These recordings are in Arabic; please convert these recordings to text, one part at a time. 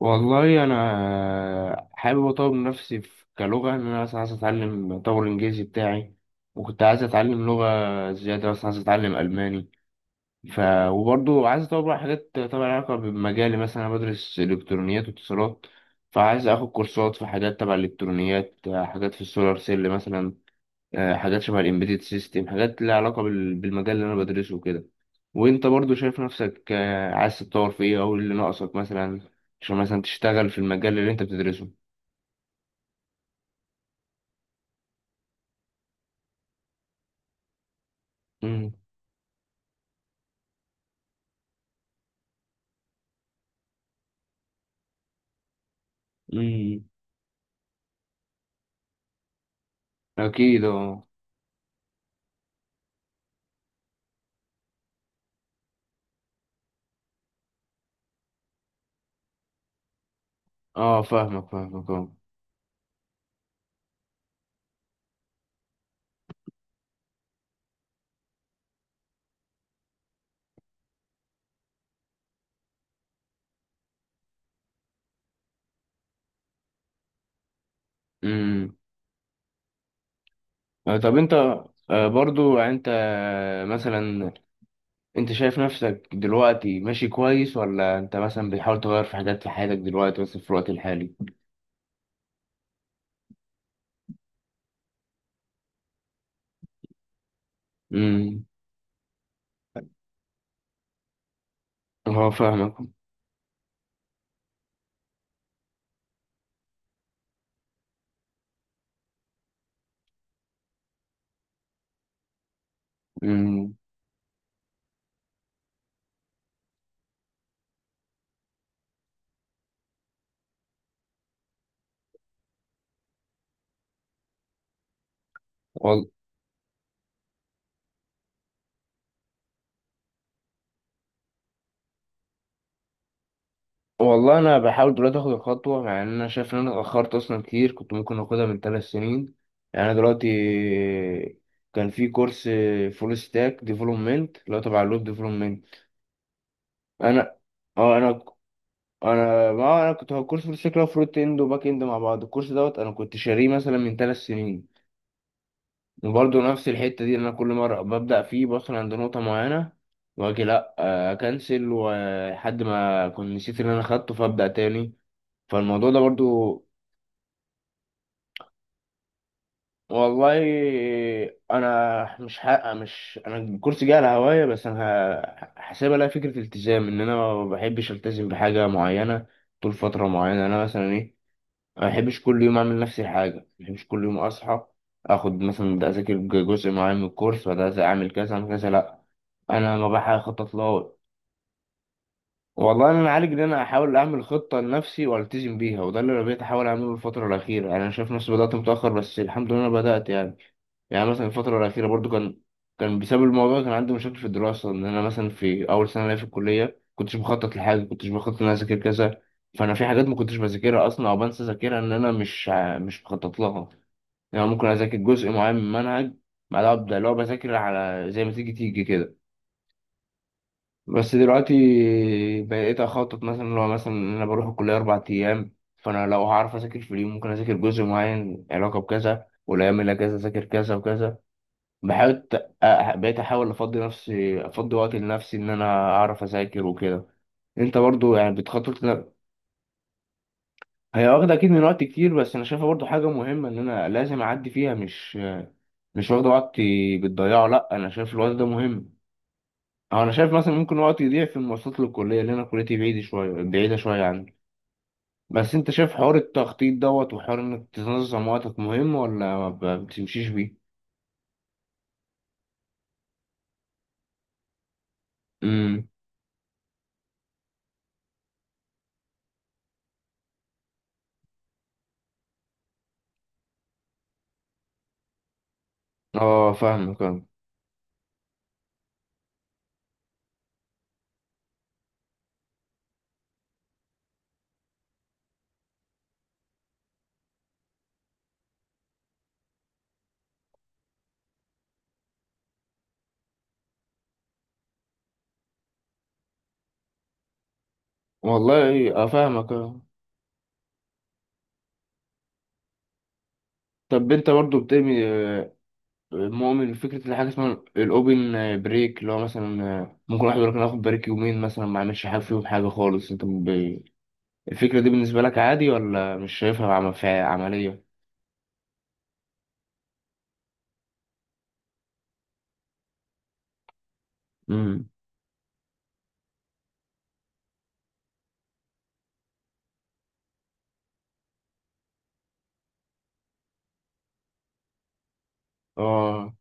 والله انا حابب اطور من نفسي في كلغه، ان انا مثلا عايز اطور الانجليزي بتاعي. وكنت عايز اتعلم لغه زياده، مثلا عايز اتعلم الماني. ف وبرضه عايز اطور بقى حاجات طبعا لها علاقه بمجالي. مثلا انا بدرس الكترونيات واتصالات، فعايز اخد كورسات في حاجات تبع الالكترونيات، حاجات في السولار سيل مثلا. حاجات شبه الامبيدد سيستم، حاجات ليها علاقة بالمجال اللي انا بدرسه وكده. وانت برضو شايف نفسك، عايز تتطور في ايه، او إيه اللي ناقصك مثلا عشان مثلا تشتغل في المجال اللي انت بتدرسه؟ امم امم. اكيد اه. اه، فاهمك فاهمك اه. امم. طب انت، برضو يعني انت، مثلا انت شايف نفسك دلوقتي ماشي كويس، ولا انت مثلا بتحاول تغير في حاجات في حياتك دلوقتي بس في الوقت الحالي؟ امم. اه فاهمك. امم. والله انا بحاول دلوقتي اخد الخطوه، مع ان انا شايف ان انا اتاخرت اصلا كتير، كنت ممكن اخدها من 3 سنين. يعني انا دلوقتي كان في كورس فول ستاك ديفلوبمنت اللي هو تبع الويب ديفلوبمنت. انا اه انا انا ما انا كنت، هو كورس فول ستاك اللي هو فرونت اند وباك اند مع بعض. الكورس دوت انا كنت شاريه مثلا من 3 سنين. وبرضه نفس الحته دي، إن انا كل مره ببدا فيه بوصل عند نقطه معينه واجي لا، اكنسل، ولحد ما كنت نسيت اللي انا خدته فابدا تاني. فالموضوع ده برضو. والله انا مش انا الكورس جه على هوايه، بس انا حاسبها لها فكره التزام، ان انا ما بحبش التزم بحاجه معينه طول فتره معينه. انا مثلا ايه، ما بحبش كل يوم اعمل نفس الحاجه، ما بحبش كل يوم اصحى اخد مثلا ده اذاكر جزء معين من الكورس، وده اعمل كذا اعمل كذا، لا انا ما بحاول اخطط له. والله انا عالج ان انا احاول اعمل خطه لنفسي والتزم بيها، وده اللي انا بقيت احاول اعمله الفتره الاخيره. يعني انا شايف نفسي بدات متاخر بس الحمد لله انا بدات يعني مثلا الفتره الاخيره برضو كان بسبب الموضوع، كان عندي مشاكل في الدراسه. ان انا مثلا في اول سنه ليا في الكليه كنتش بخطط لحاجه، كنتش بخطط ان انا اذاكر كذا، فانا في حاجات ما كنتش بذاكرها اصلا او بنسى اذاكرها، ان انا مش مخطط لها. يعني ممكن اذاكر جزء معين من منهج بعدها ابدا اللي هو بذاكر على زي ما تيجي تيجي كده. بس دلوقتي بقيت اخطط، مثلا لو مثلا إن انا بروح الكليه 4 ايام، فانا لو هعرف اذاكر في اليوم، ممكن اذاكر جزء معين علاقه بكذا، والايام اللي اجازه اذاكر كذا وكذا. بحاول، بقيت احاول افضي نفسي، افضي وقت لنفسي ان انا اعرف اذاكر وكده. انت برضو يعني بتخطط هي واخده اكيد من وقت كتير، بس انا شايفها برضو حاجه مهمه ان انا لازم اعدي فيها. مش واخده وقتي بتضيعه، لا انا شايف الوقت ده مهم. أو انا شايف مثلا ممكن وقتي يضيع في المواصلات للكليه، لان انا كليتي بعيده شويه بعيده شويه عني. بس انت شايف حوار التخطيط دوت وحوار انك تنظم وقتك مهم، ولا ما بتمشيش بيه؟ امم اه فاهمك اه. والله اه فاهمك اه. طب انت برضو بتبني، مؤمن بفكرة اللي حاجة اسمها الاوبن بريك، اللي هو مثلا ممكن واحد يقول لك ناخد بريك يومين مثلا ما اعملش حاجة فيهم، حاجة خالص، انت الفكرة دي بالنسبة لك عادي ولا مش شايفها في عملية؟ امم اه.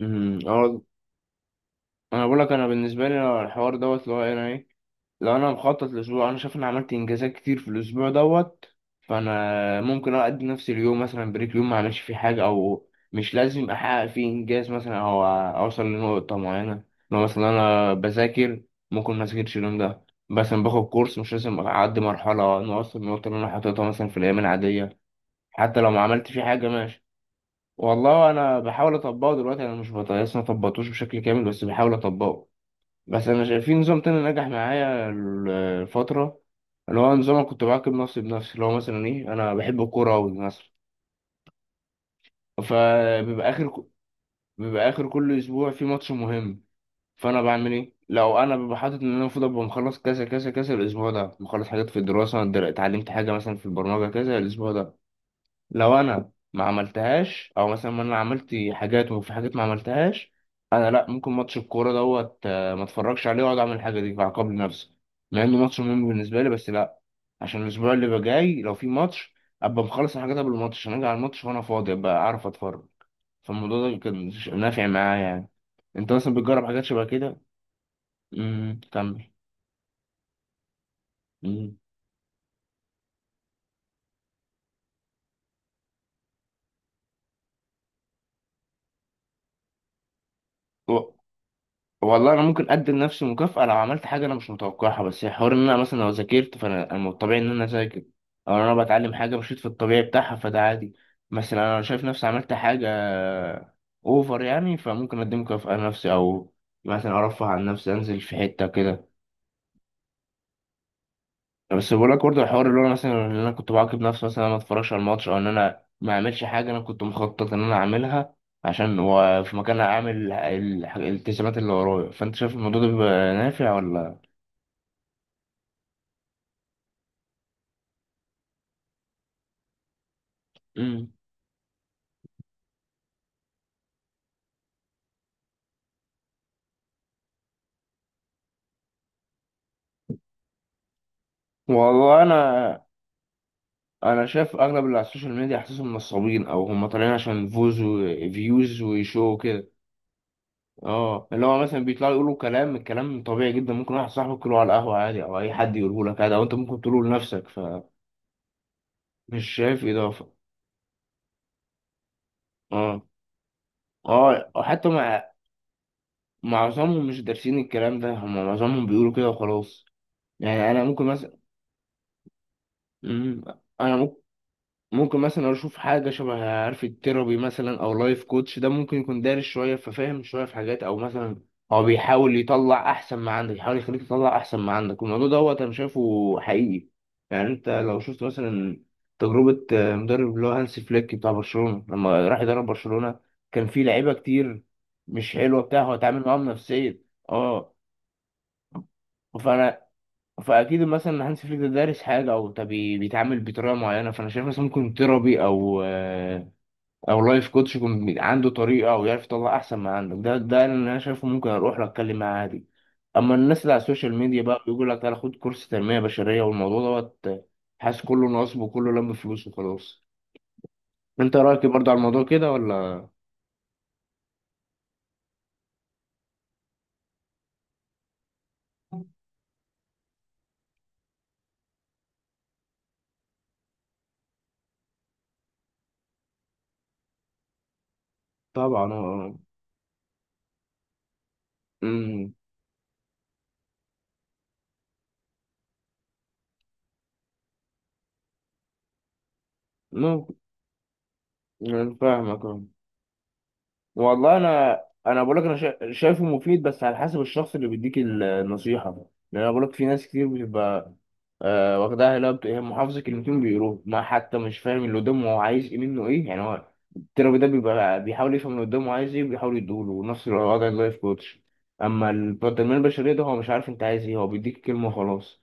اه. انا بقول لك، انا بالنسبة لي اه، الحوار دوت اللي هو ايه، انا ايه، لو انا مخطط لاسبوع، انا شايف اني عملت انجازات كتير في الاسبوع دوت، فانا ممكن اقضي نفس اليوم مثلا بريك، يوم ما اعملش فيه حاجه، او مش لازم احقق فيه انجاز مثلا او اوصل لنقطه معينه. لو مثلا انا بذاكر، ممكن ما اذاكرش اليوم ده، مثلا باخد كورس، مش لازم اعدي مرحله انه اوصل للنقطه اللي انا حاططها مثلا في الايام العاديه. حتى لو ما عملت فيه حاجه ماشي. والله انا بحاول اطبقه دلوقتي، انا مش لسه ما طبقتوش بشكل كامل، بس بحاول اطبقه. بس انا شايف في نظام تاني نجح معايا الفتره، اللي هو نظام، أنا كنت بعاقب نفسي بنفسي. اللي هو مثلا ايه، انا بحب الكوره قوي مثلا، فبيبقى اخر بيبقى اخر كل اسبوع في ماتش مهم. فانا بعمل ايه، لو انا ببقى حاطط ان انا المفروض ابقى مخلص كذا كذا كذا الاسبوع ده، مخلص حاجات في الدراسه، اتعلمت حاجه مثلا في البرمجه كذا الاسبوع ده، لو انا ما عملتهاش او مثلا ما انا عملت حاجات وفي حاجات ما عملتهاش، انا لا ممكن ماتش الكوره دوت، ما اتفرجش عليه، واقعد اعمل الحاجه دي، فاعاقب نفسي. مع انه ماتش مهم بالنسبه لي بس لا، عشان الاسبوع اللي جاي لو في ماتش ابقى مخلص الحاجات قبل الماتش، عشان اجي على الماتش وانا فاضي ابقى اعرف اتفرج. فالموضوع ده كان نافع معايا يعني. انت مثلا بتجرب حاجات شبه كده؟ كمل. امم. والله انا ممكن ادي لنفسي مكافأة لو عملت حاجة انا مش متوقعها. بس حوار ان انا مثلا لو ذاكرت، فانا أنا من الطبيعي ان انا اذاكر، او انا بتعلم حاجة مشيت في الطبيعي بتاعها، فده عادي. مثلا انا لو شايف نفسي عملت حاجة اوفر يعني، فممكن ادي مكافأة لنفسي، او مثلا ارفه عن نفسي انزل في حتة كده. بس بقول لك برضه الحوار اللي هو مثلا ان انا كنت بعاقب نفسي مثلا أنا ما اتفرجش على الماتش، او ان انا ما اعملش حاجة انا كنت مخطط ان انا اعملها، عشان وفي مكانها اعمل الالتزامات اللي ورايا. فانت شايف الموضوع ده بيبقى نافع ولا؟ امم. والله انا، انا شايف اغلب اللي على السوشيال ميديا حاسسهم نصابين، او هم طالعين عشان فوز وفيوز وشو كده. اه، اللي هو مثلا بيطلعوا يقولوا كلام، الكلام طبيعي جدا، ممكن واحد صاحبك يقوله على القهوه عادي، او اي حد يقوله لك عادي، او انت ممكن تقوله لنفسك، فمش شايف اضافه. اه اه، حتى مع معظمهم مش دارسين الكلام ده، هم معظمهم بيقولوا كده وخلاص. يعني انا ممكن مثلا مم. انا ممكن مثلا اشوف حاجه شبه عارف التيرابي مثلا او لايف كوتش، ده ممكن يكون دارس شويه ففاهم شويه في حاجات، او مثلا هو بيحاول يطلع احسن ما عندك، يحاول يخليك تطلع احسن ما عندك. الموضوع دوت انا شايفه حقيقي. يعني انت لو شفت مثلا تجربه، مدرب اللي هو هانسي فليك بتاع برشلونه لما راح يدرب برشلونه، كان في لعيبه كتير مش حلوه بتاع، هو اتعامل معاهم نفسيا. اه. فانا، فاكيد مثلا هانس فليك ده دارس حاجه، او طب بيتعامل بطريقه معينه. فانا شايف مثلا ممكن تيرابي او لايف كوتش يكون عنده طريقه او يعرف يطلع احسن ما عندك. ده اللي انا شايفه، ممكن اروح له اتكلم معاه عادي. اما الناس اللي على السوشيال ميديا بقى بيقول لك تعالى خد كورس تنميه بشريه والموضوع دوت، حاسس كله نصب وكله لم فلوس وخلاص. انت رايك إيه برضه على الموضوع كده، ولا؟ طبعا اه آه. أمم. ممكن. أنا فاهمك. والله انا، انا بقول لك انا شايفه مفيد بس على حسب الشخص اللي بيديك النصيحه. لان انا بقول لك في ناس كتير بتبقى واخداها، لا هي محافظه كلمتين بيقولوه، ما حتى مش فاهم اللي قدامه هو عايز ايه منه، ايه يعني هو. التربي ده بيبقى بيحاول يفهم اللي قدامه عايز ايه، وبيحاول يديهوله، نفس الوضع اللايف كوتش. اما بتاع التنميه البشريه ده هو مش عارف انت عايز ايه، هو بيديك كلمه وخلاص.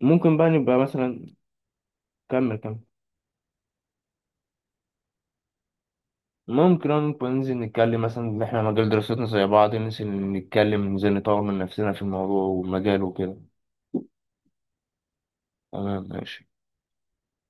ممكن بقى نبقى مثلا، كمل كمل. ممكن نبقى ننزل نتكلم مثلا إن إحنا مجال دراستنا زي بعض، ننزل نتكلم، ننزل نطور من نفسنا في الموضوع والمجال وكده. تمام ماشي.